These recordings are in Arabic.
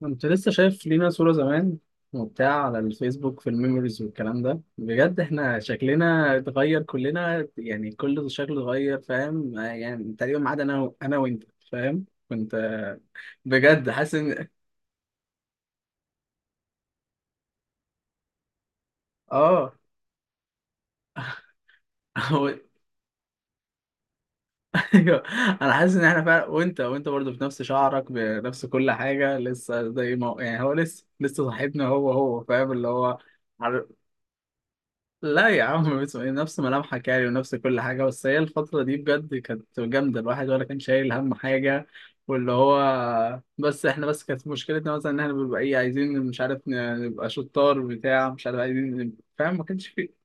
كنت لسه شايف لينا صورة زمان وبتاع على الفيسبوك في الميموريز والكلام ده، بجد احنا شكلنا اتغير كلنا، يعني كل شكل اتغير، فاهم؟ يعني تقريبا ما عدا انا وانت، فاهم؟ كنت بجد حاسس ان اه هو- ايوه، انا حاسس ان احنا فعلا وانت برضه بنفس شعرك، بنفس كل حاجة، لسه زي ما يعني هو لسه صاحبنا، هو فاهم اللي هو. لا يا عم، نفس ملامحك يعني ونفس كل حاجة، بس هي الفترة دي بجد كانت جامدة، الواحد ولا كان شايل هم حاجة. واللي هو بس احنا كانت مشكلتنا مثلا ان احنا بنبقى ايه، عايزين مش عارف نبقى شطار، بتاع، مش عارف عايزين فاهم، ما كانش فيه.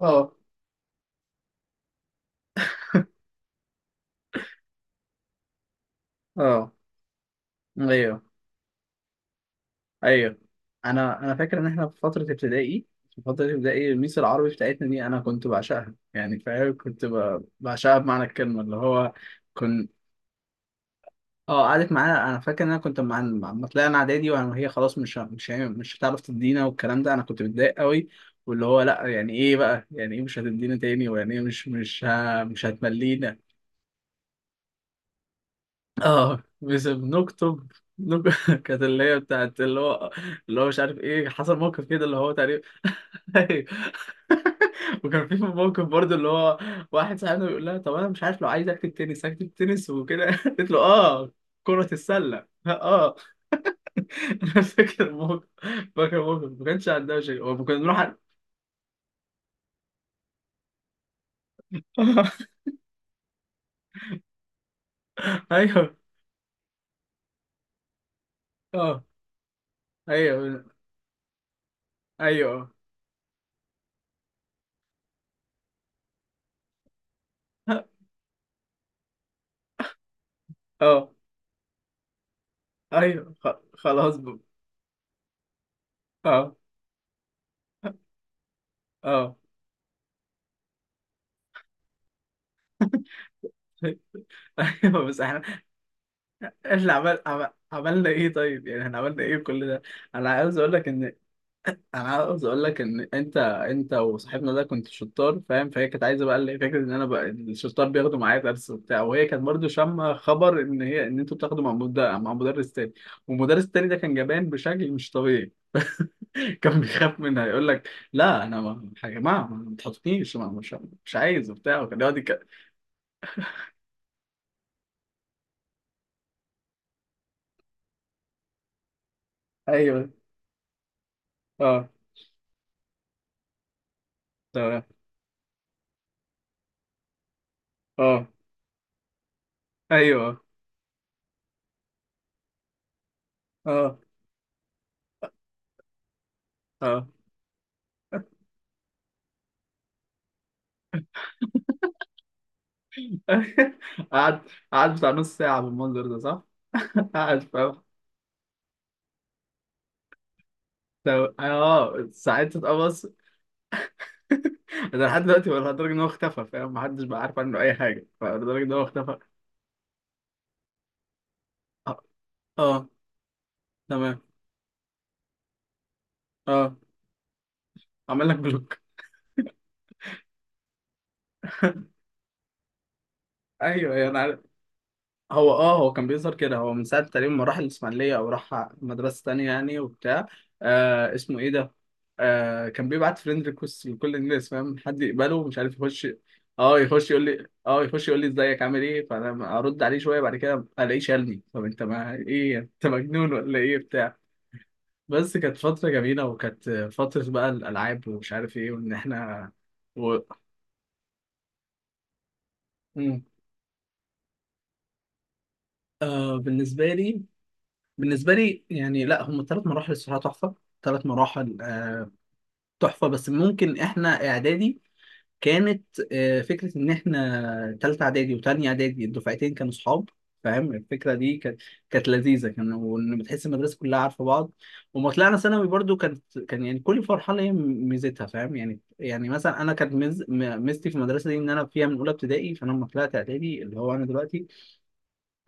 اه اه ايوه ايوه. انا فاكر ان احنا في فترة ابتدائي، في فترة ابتدائي الميس العربي بتاعتنا دي انا كنت بعشقها يعني فاهم، كنت بعشقها بمعنى الكلمة اللي هو. اه، قعدت معانا. انا فاكر ان انا كنت ما طلعنا اعدادي وهي خلاص مش ه- مش هي- مش هتعرف تدينا، والكلام ده انا كنت متضايق قوي. واللي هو لا، يعني ايه بقى؟ يعني ايه مش هتدينا تاني؟ ويعني ايه مش هتملينا؟ اه، بس بنكتب كانت اللي هي بتاعت اللي هو، اللي هو مش عارف ايه، حصل موقف كده اللي هو تقريبا. أيوه. وكان في موقف برضه اللي هو، واحد صاحبنا بيقول لها طب انا مش عارف لو عايز اكتب تنس اكتب تنس وكده، قلت له اه كرة السلة. اه، انا فاكر موقف، فاكر موقف ما كانش عندها شيء، هو كنا بنروح ايوه. اه ايوه ايوه اه اه ايوه. خلاص بقى. اه اه ايوه بس احنا، احنا عملنا ايه طيب؟ يعني احنا عملنا ايه كل ده؟ انا عاوز اقول لك ان، انا عاوز اقول لك ان انت وصاحبنا ده كنت شطار فاهم، فهي كانت عايزه بقى اللي هي فكره ان انا بقى الشطار بياخدوا معايا درس وبتاع، وهي كانت برضو شامه خبر ان هي ان انتوا بتاخدوا مع مدرس تاني. والمدرس التاني ده كان جبان بشكل مش طبيعي، كان بيخاف منها يقول لك لا انا ما، يا جماعه ما تحطنيش مش مش عايز وبتاع، وكان يقعد ايوه. اه تمام اه ايوه اه اه. قعد، قعد بتاع نص ساعه بالمنظر ده، صح؟ قعد. طب اه، ساعات تتقمص. انا لحد دلوقتي بقول لدرجه ان هو اختفى فاهم، محدش بقى عارف عنه اي حاجه، فلدرجه ان هو اختفى. اه, آه. تمام اه. عمل لك بلوك؟ ايوه انا يعني عارف. هو كان بيظهر كده، هو من ساعه تقريبا ما راح الاسماعيليه او راح مدرسه تانية يعني وبتاع. آه، اسمه ايه ده؟ آه، كان بيبعت فريند ريكوست لكل الناس فاهم، حد يقبله ومش عارف يخش. اه يخش يقول لي، اه يخش يقول لي ازيك عامل ايه، فانا ارد عليه شويه، بعد كده الاقيه شالني. طب انت ما ايه يعني؟ انت مجنون ولا ايه بتاع؟ بس كانت فترة جميلة، وكانت فترة بقى الألعاب ومش عارف إيه وإن إحنا. و... مم. آه بالنسبة لي، بالنسبة لي يعني لا، هم ثلاث مراحل الصراحة تحفة، ثلاث مراحل آه، تحفة. بس ممكن إحنا إعدادي كانت، فكرة إن إحنا تالتة إعدادي وتانية إعدادي الدفعتين كانوا صحاب، فاهم الفكرة دي كانت، كانت لذيذة، كان وإن بتحس المدرسة كلها عارفة بعض. وما طلعنا ثانوي برضو كانت، كان يعني كل مرحلة هي ميزتها فاهم، يعني يعني مثلا أنا كانت ميزتي في المدرسة دي إن أنا فيها من أولى ابتدائي، فأنا لما طلعت إعدادي اللي هو أنا دلوقتي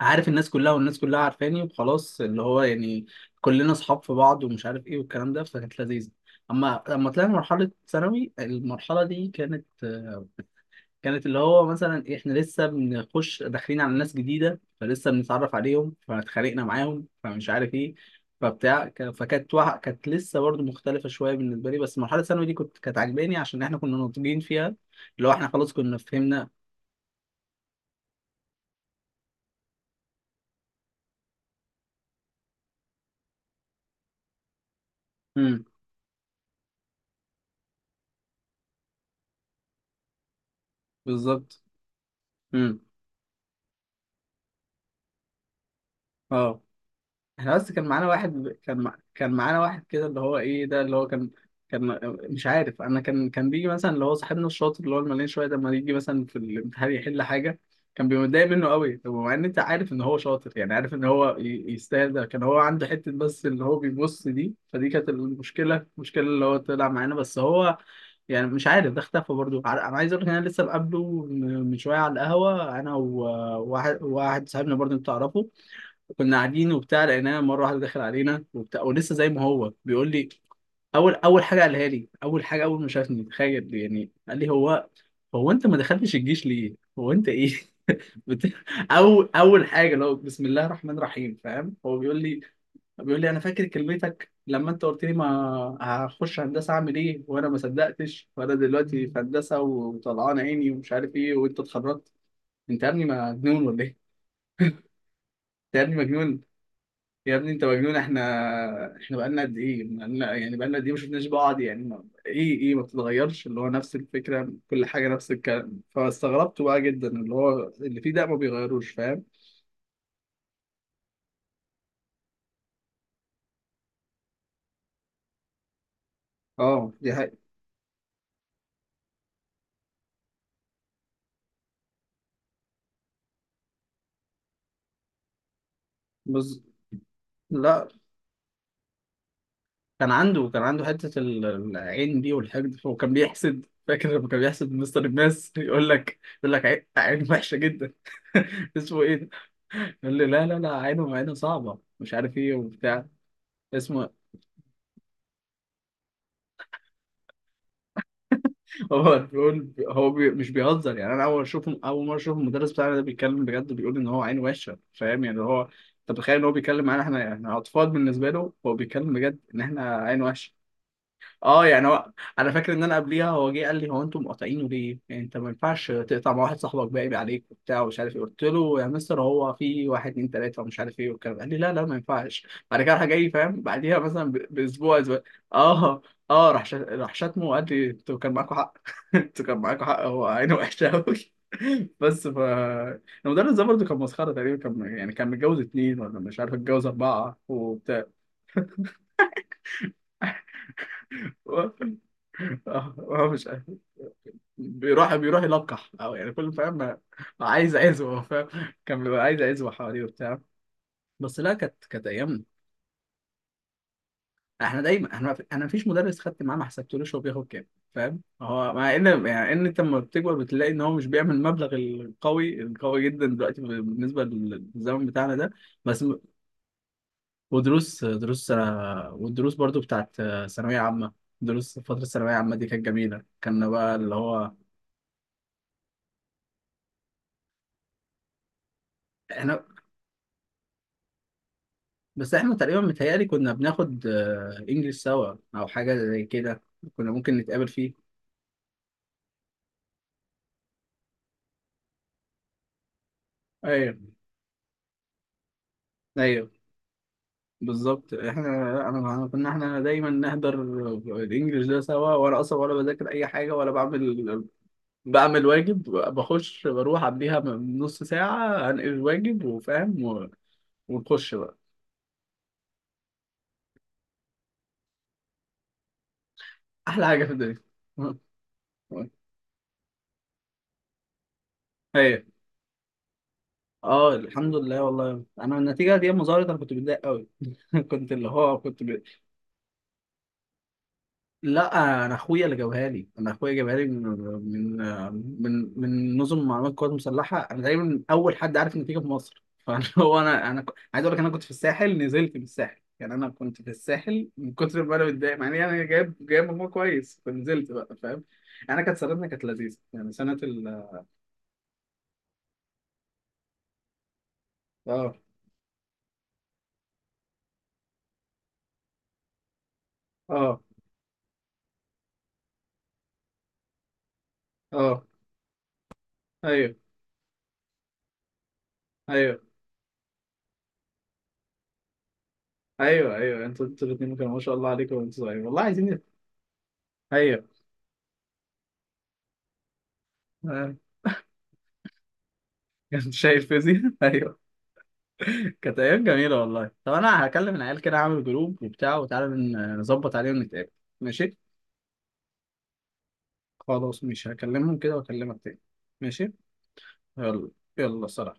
عارف الناس كلها والناس كلها عارفاني، وخلاص اللي هو يعني كلنا صحاب في بعض ومش عارف إيه والكلام ده، فكانت لذيذة. أما لما طلعنا مرحلة ثانوي، المرحلة دي كانت، كانت اللي هو مثلا احنا لسه بنخش داخلين على ناس جديده، فلسه بنتعرف عليهم فاتخانقنا معاهم فمش عارف ايه، فكانت كانت لسه برضه مختلفه شويه بالنسبه لي، بس مرحله الثانوي دي كنت، كانت عاجباني عشان احنا كنا ناضجين فيها، اللي هو احنا خلاص كنا فهمنا. امم بالظبط امم اه. احنا بس كان معانا واحد كان كان معانا واحد كده اللي هو ايه ده، اللي هو كان، كان مش عارف انا، كان كان بيجي مثلا اللي هو صاحبنا الشاطر اللي هو المليان شويه ده لما يجي مثلا في الامتحان يحل حاجه، كان بيبقى متضايق منه قوي. طب مع ان انت عارف ان هو شاطر، يعني عارف ان هو يستاهل ده، كان هو عنده حته بس اللي هو بيبص دي، فدي كانت المشكله، المشكله اللي هو طلع معانا بس هو يعني مش عارف، ده اختفى برضه. انا عايز اقول لك ان انا لسه مقابله من من شويه على القهوه، انا وواحد صاحبنا برضه انت تعرفه، كنا قاعدين وبتاع لقيناه مره واحده داخل علينا وبتاع، ولسه زي ما هو بيقول لي. اول حاجه قالها لي، اول حاجه اول ما شافني تخيل يعني، قال لي هو، هو انت ما دخلتش الجيش ليه؟ هو انت ايه؟ بت... اول حاجه لو بسم الله الرحمن الرحيم فاهم؟ هو بيقول لي، بيقول لي انا فاكر كلمتك لما انت قلت لي ما هخش هندسه اعمل ايه، وانا ما صدقتش، وانا دلوقتي في هندسه وطلعان عيني ومش عارف ايه، وانت اتخرجت. انت يا ابني مجنون ولا ايه؟ انت يا ابني مجنون. يا ابني انت مجنون، احنا بقالنا قد ايه، بقالنا يعني بقالنا قد ايه ما شفناش بعض، يعني ما... ايه ما بتتغيرش، اللي هو نفس الفكره، كل حاجه نفس الكلام، فاستغربت بقى جدا اللي هو اللي فيه ده ما بيغيروش فاهم. اه دي حقيقة. بس لا، كان عنده، كان عنده حته العين دي، والحقد، هو كان بيحسد، فاكر لما كان بيحسد مستر الناس، يقول لك، يقول لك عين، عين وحشه جدا. اسمه ايه ده؟ يقول لي لا لا لا، عينه، عينه صعبه، مش عارف ايه وبتاع. اسمه. هو بيقول، هو مش بيهزر يعني، انا اول اشوف، اول مره اشوف المدرس بتاعنا ده بيتكلم بجد، بيقول ان هو عين وشه فاهم يعني هو، انت متخيل ان هو بيتكلم معانا احنا، احنا اطفال بالنسبه له، هو بيتكلم بجد ان احنا عين وشه. اه يعني هو، انا فاكر ان انا قبليها هو جه قال لي، هو انتم مقاطعينه ليه؟ يعني انت ما ينفعش تقطع مع واحد صاحبك باقي عليك وبتاع ومش عارف ايه، قلت له يا مستر هو في واحد اتنين تلاته ومش عارف ايه والكلام ده. قال لي لا لا ما ينفعش. بعد كده راح جاي فاهم بعديها مثلا باسبوع اسبوع، اه اه، راح راح شتمه وقال لي انتوا كان معاكم حق، انتوا كان معاكم حق، هو عينه وحشه قوي. بس ف المدرس ده برضه كان مسخره تقريبا، كان يعني كان متجوز اتنين ولا مش عارف، اتجوز اربعه وبتاع. هو مش، بيروح يلقح او يعني كل فاهم عايز عزوه فاهم، كان بيبقى عايز عزوه حواليه وبتاع. بس لا، كانت كانت ايام. احنا دايما احنا، انا مفيش مدرس خدت معاه ما حسبتلوش هو بياخد كام فاهم، هو مع ان يعني ان انت لما بتكبر بتلاقي ان هو مش بيعمل المبلغ القوي القوي جدا دلوقتي بالنسبه للزمن بتاعنا ده. بس م- ودروس والدروس برضو بتاعت ثانويه عامه، دروس فتره الثانويه العامه دي كانت جميله، كنا بقى اللي هو احنا. بس احنا تقريبا متهيألي كنا بناخد انجليش سوا او حاجة زي كده، كنا ممكن نتقابل فيه. ايوه ايوه. بالظبط احنا، كنا احنا دايما نحضر الانجليش ده سوا، وانا اصلا ولا بذاكر اي حاجة ولا بعمل، بعمل واجب، بخش بروح قبليها بنص ساعة انقل الواجب وفاهم و، ونخش بقى. احلى حاجة في الدنيا. ايوه اه، الحمد لله والله انا النتيجة دي مظاهرة، انا كنت متضايق قوي. كنت اللي هو كنت، لا انا اخويا اللي جابها لي، انا اخويا جابها لي من من من نظم معلومات القوات المسلحه، انا تقريبا اول حد عارف النتيجه في مصر، فانا، هو عايز اقول لك، انا كنت في الساحل، نزلت من الساحل، يعني انا كنت في الساحل من كتر ما انا متضايق، مع اني انا جايب، جايب مجموع كويس، فنزلت بقى فاهم. انا كانت سنتنا كانت لذيذه، يعني سنه ال، اه اه اه ايوه ايوه ايوه ايوه، انتوا، انتوا الاثنين كانوا ما شاء الله عليكم وانتوا صغيرين، والله عايزين. ايوه آه. كنت شايل فيزياء، ايوه. كانت ايام جميله والله. طب انا هكلم العيال كده، اعمل جروب وبتاع وتعالى نظبط عليهم نتقابل. ماشي. خلاص مش هكلمهم كده واكلمك تاني. ماشي. يلا. يلا سلام.